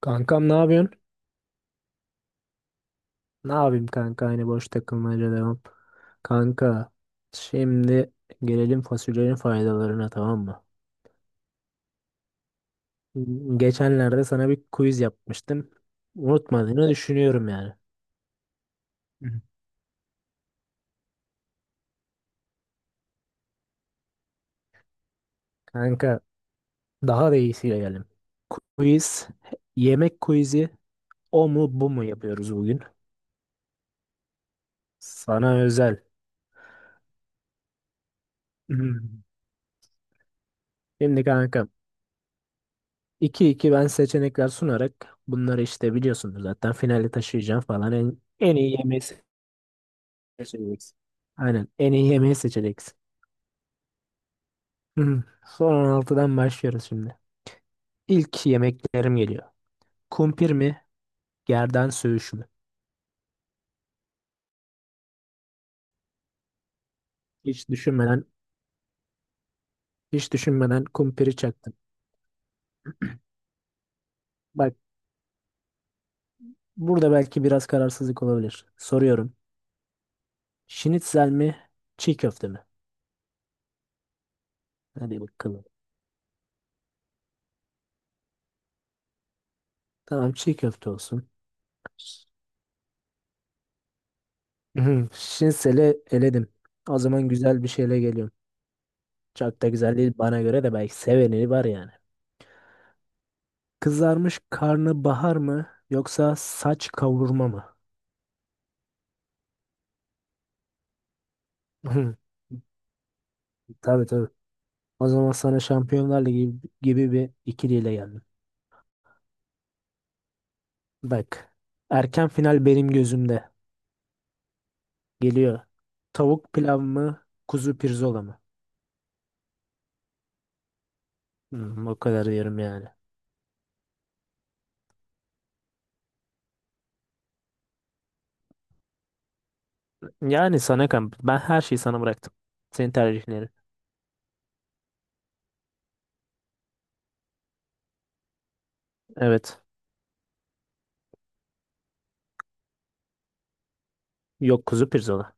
Kankam ne yapıyorsun? Ne yapayım kanka aynı boş takılmaca devam. Kanka şimdi gelelim fasulyenin faydalarına tamam mı? Geçenlerde sana bir quiz yapmıştım. Unutmadığını düşünüyorum yani. Hı hı. Kanka daha da iyisiyle gelelim. Quiz, yemek quizi o mu bu mu yapıyoruz bugün? Sana özel. Hmm. Şimdi kanka iki iki ben seçenekler sunarak bunları işte biliyorsunuz zaten finale taşıyacağım falan en iyi yemeği seçeceksin. Aynen. En iyi yemeği seçeceksin. Hı. Son 16'dan başlıyoruz şimdi. İlk yemeklerim geliyor. Kumpir mi? Gerdan söğüşü mü? Hiç düşünmeden, hiç düşünmeden kumpiri çaktım. Bak burada belki biraz kararsızlık olabilir. Soruyorum. Şinitzel mi? Çiğ köfte mi? Hadi bakalım. Tamam, çiğ köfte olsun. Hı. Şinitzel'i eledim. O zaman güzel bir şeyle geliyorum. Çok da güzel değil bana göre, de belki seveni var yani. Kızarmış karnabahar mı yoksa saç kavurma mı? Tabii tabii. O zaman sana Şampiyonlar Ligi gibi bir ikiliyle geldim. Bak. Erken final benim gözümde. Geliyor. Tavuk pilav mı? Kuzu pirzola mı? O kadar diyorum yani. Yani sana kan. Ben her şeyi sana bıraktım. Senin tercihlerin. Evet. Yok, kuzu pirzola.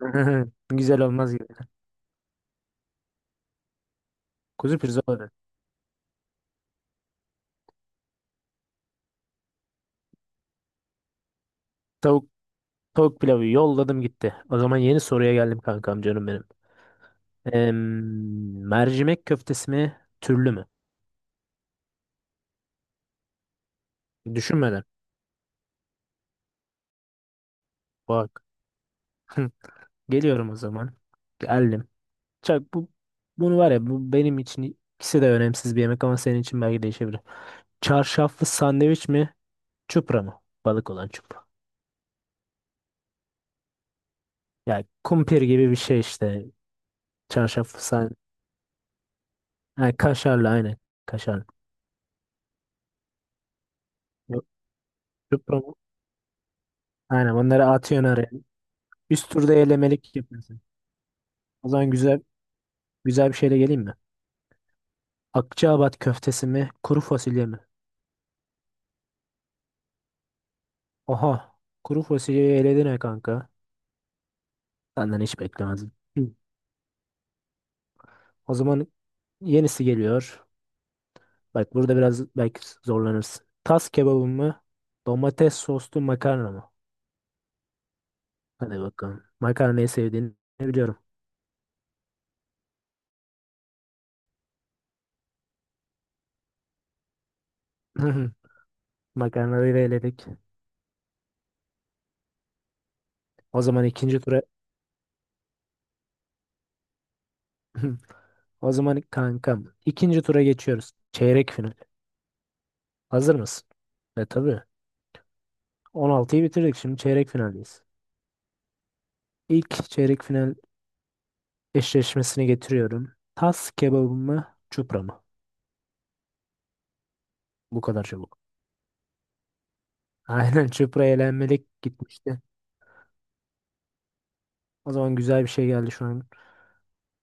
Güzel olmaz gibi. Kuzu pirzola. Tavuk, tavuk pilavı yolladım gitti. O zaman yeni soruya geldim kankam canım benim. Mercimek köftesi mi, türlü mü? Düşünmeden. Bak. Geliyorum o zaman. Geldim. Çak bu bunu var ya, bu benim için ikisi de önemsiz bir yemek ama senin için belki değişebilir. Çarşaflı sandviç mi, çupra mı? Balık olan çupra. Yani kumpir gibi bir şey işte. Çarşaflı sandviç. Yani kaşarlı aynen. Kaşarlı. Yok, çupra mı? Aynen, onları atıyorsun araya. Üst turda elemelik yapıyorsun. O zaman güzel güzel bir şeyle geleyim mi? Akçaabat köftesi mi, kuru fasulye mi? Oha. Kuru fasulyeyi eledin ha kanka. Senden hiç beklemezdim. Hı. O zaman yenisi geliyor. Bak burada biraz belki zorlanırsın. Tas kebabı mı? Domates soslu makarna mı? Hadi bakalım. Makarnayı sevdiğini biliyorum. Makarnayı da eledik. O zaman ikinci tura o zaman kankam ikinci tura geçiyoruz. Çeyrek final. Hazır mısın? E tabii. 16'yı bitirdik. Şimdi çeyrek finaldeyiz. İlk çeyrek final eşleşmesini getiriyorum. Tas kebabı mı? Çupra mı? Bu kadar çabuk. Aynen, çıpra elenmelik gitmişti. O zaman güzel bir şey geldi şu an.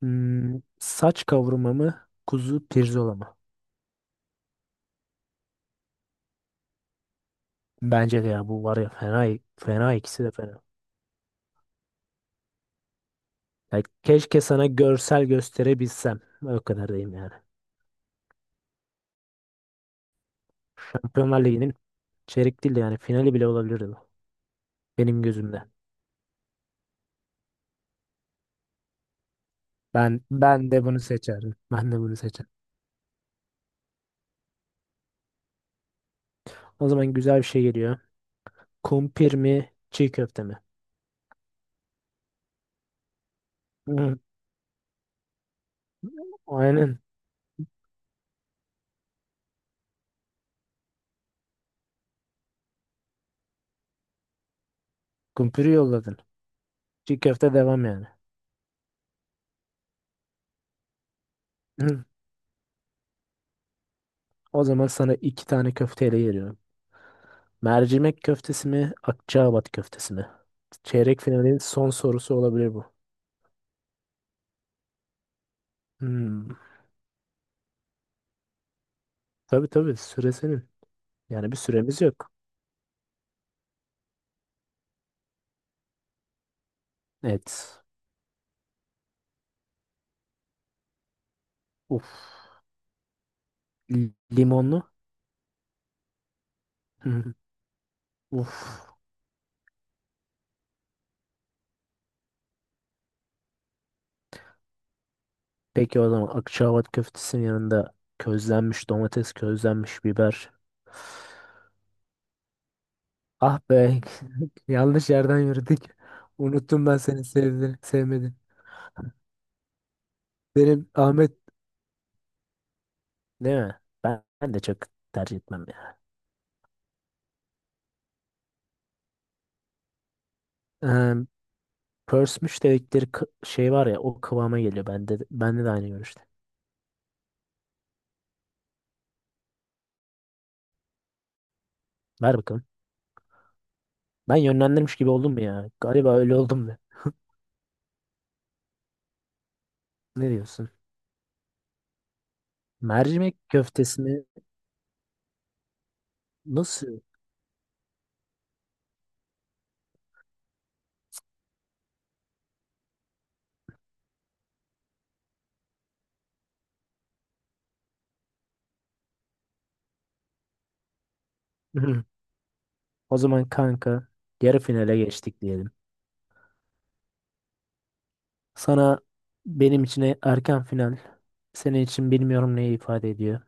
Saç kavurma mı? Kuzu pirzola mı? Bence de ya, bu var ya, fena fena, ikisi de fena. Ya keşke sana görsel gösterebilsem. O kadar diyeyim yani. Şampiyonlar Ligi'nin çeyrek değil de yani finali bile olabilirdi bu. Benim gözümde. Ben de bunu seçerdim. Ben de bunu seçerdim. O zaman güzel bir şey geliyor. Kumpir mi, çiğ köfte mi? Hı, aynen. Kumpiri yolladın. Çiğ köfte devam yani. Hı. O zaman sana iki tane köfteyle geliyorum. Mercimek köftesi mi, Akçaabat köftesi mi? Çeyrek finalin son sorusu olabilir bu. Hmm. Tabii tabii, süre senin. Yani bir süremiz yok. Evet. Uf. Limonlu. Uf. Peki o zaman Akçaabat köftesinin yanında közlenmiş domates, közlenmiş biber. Ah be. Yanlış yerden yürüdük. Unuttum ben, seni sevdi, sevmedi. Benim Ahmet. Değil mi? Ben de çok tercih etmem ya. Ee, pörsmüş dedikleri şey var ya, o kıvama geliyor. Bende de aynı görüşte. Ver bakalım. Ben yönlendirmiş gibi oldum mu ya? Galiba öyle oldum da. Ne diyorsun? Mercimek köftesini nasıl? Hı. O zaman kanka yarı finale geçtik diyelim. Sana benim için erken final. Senin için bilmiyorum neyi ifade ediyor.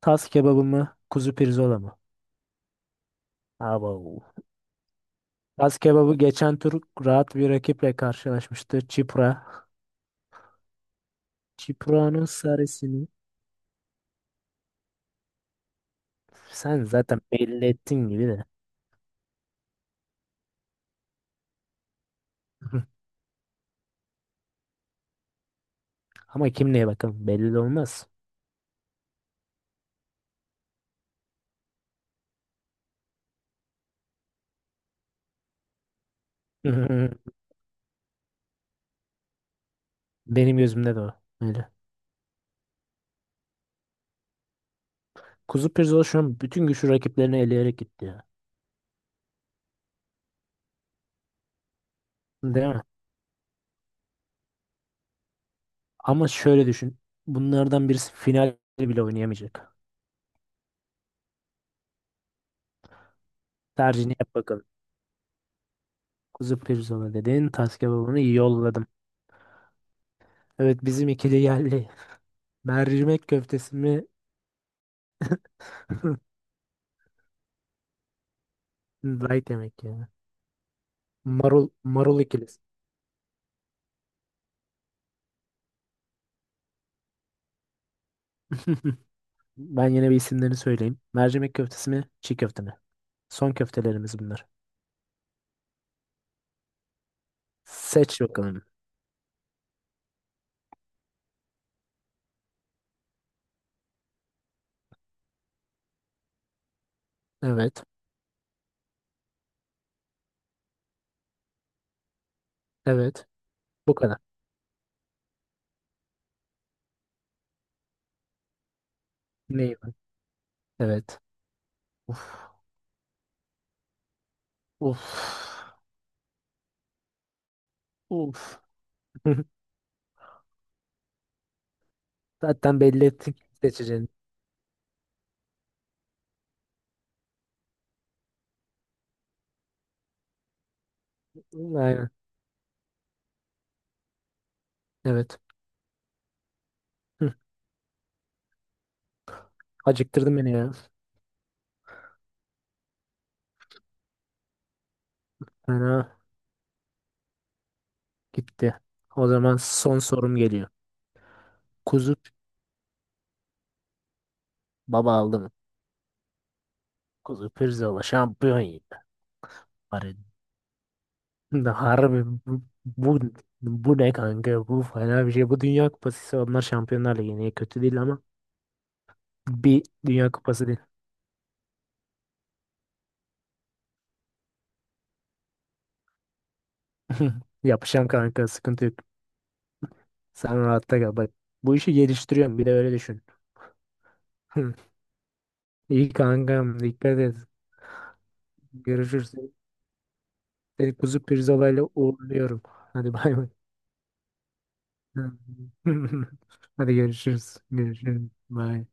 Tas kebabı mı? Kuzu pirzola mı? Abo. Kaz kebabı geçen tur rahat bir rakiple karşılaşmıştı. Çipra. Çipra'nın sarısını sen zaten belli ettin gibi de. Ama kim neye, bakalım belli de olmaz. Benim gözümde de o. Öyle. Kuzu Pirzola şu an bütün güçlü rakiplerini eleyerek gitti ya. Değil mi? Ama şöyle düşün. Bunlardan birisi final bile oynayamayacak. Tercihini yap bakalım. Kuzu Pirzola dedin. Tas kebabını yolladım. Evet, bizim ikili geldi. Mercimek köftesi mi? Light yemek ya. Marul, marul ikilisi. Ben yine bir isimlerini söyleyeyim. Mercimek köftesi mi, çiğ köfte mi? Son köftelerimiz bunlar. Seç bakalım. Evet, evet. Bu kadar. Neyim? Evet. Uf, uf, uf. Zaten belli ettik seçeceğini. Aynen. Evet. Hı. Acıktırdın beni ya. Fena gitti. O zaman son sorum geliyor. Kuzu baba aldı mı? Kuzu pirzola şampiyon yedi. Şimdi harbi bu ne kanka? Bu fena bir şey. Bu Dünya Kupası ise onlar Şampiyonlar Ligi'ne, kötü değil ama bir Dünya Kupası değil. Yapacağım kanka, sıkıntı yok. Sen rahatta kal. Bak, bu işi geliştiriyorum bir de öyle düşün. İyi kankam, dikkat et. Görüşürüz. Seni kuzu pirzolayla uğurluyorum. Hadi bay bay. Hadi görüşürüz. Görüşürüz. Bay.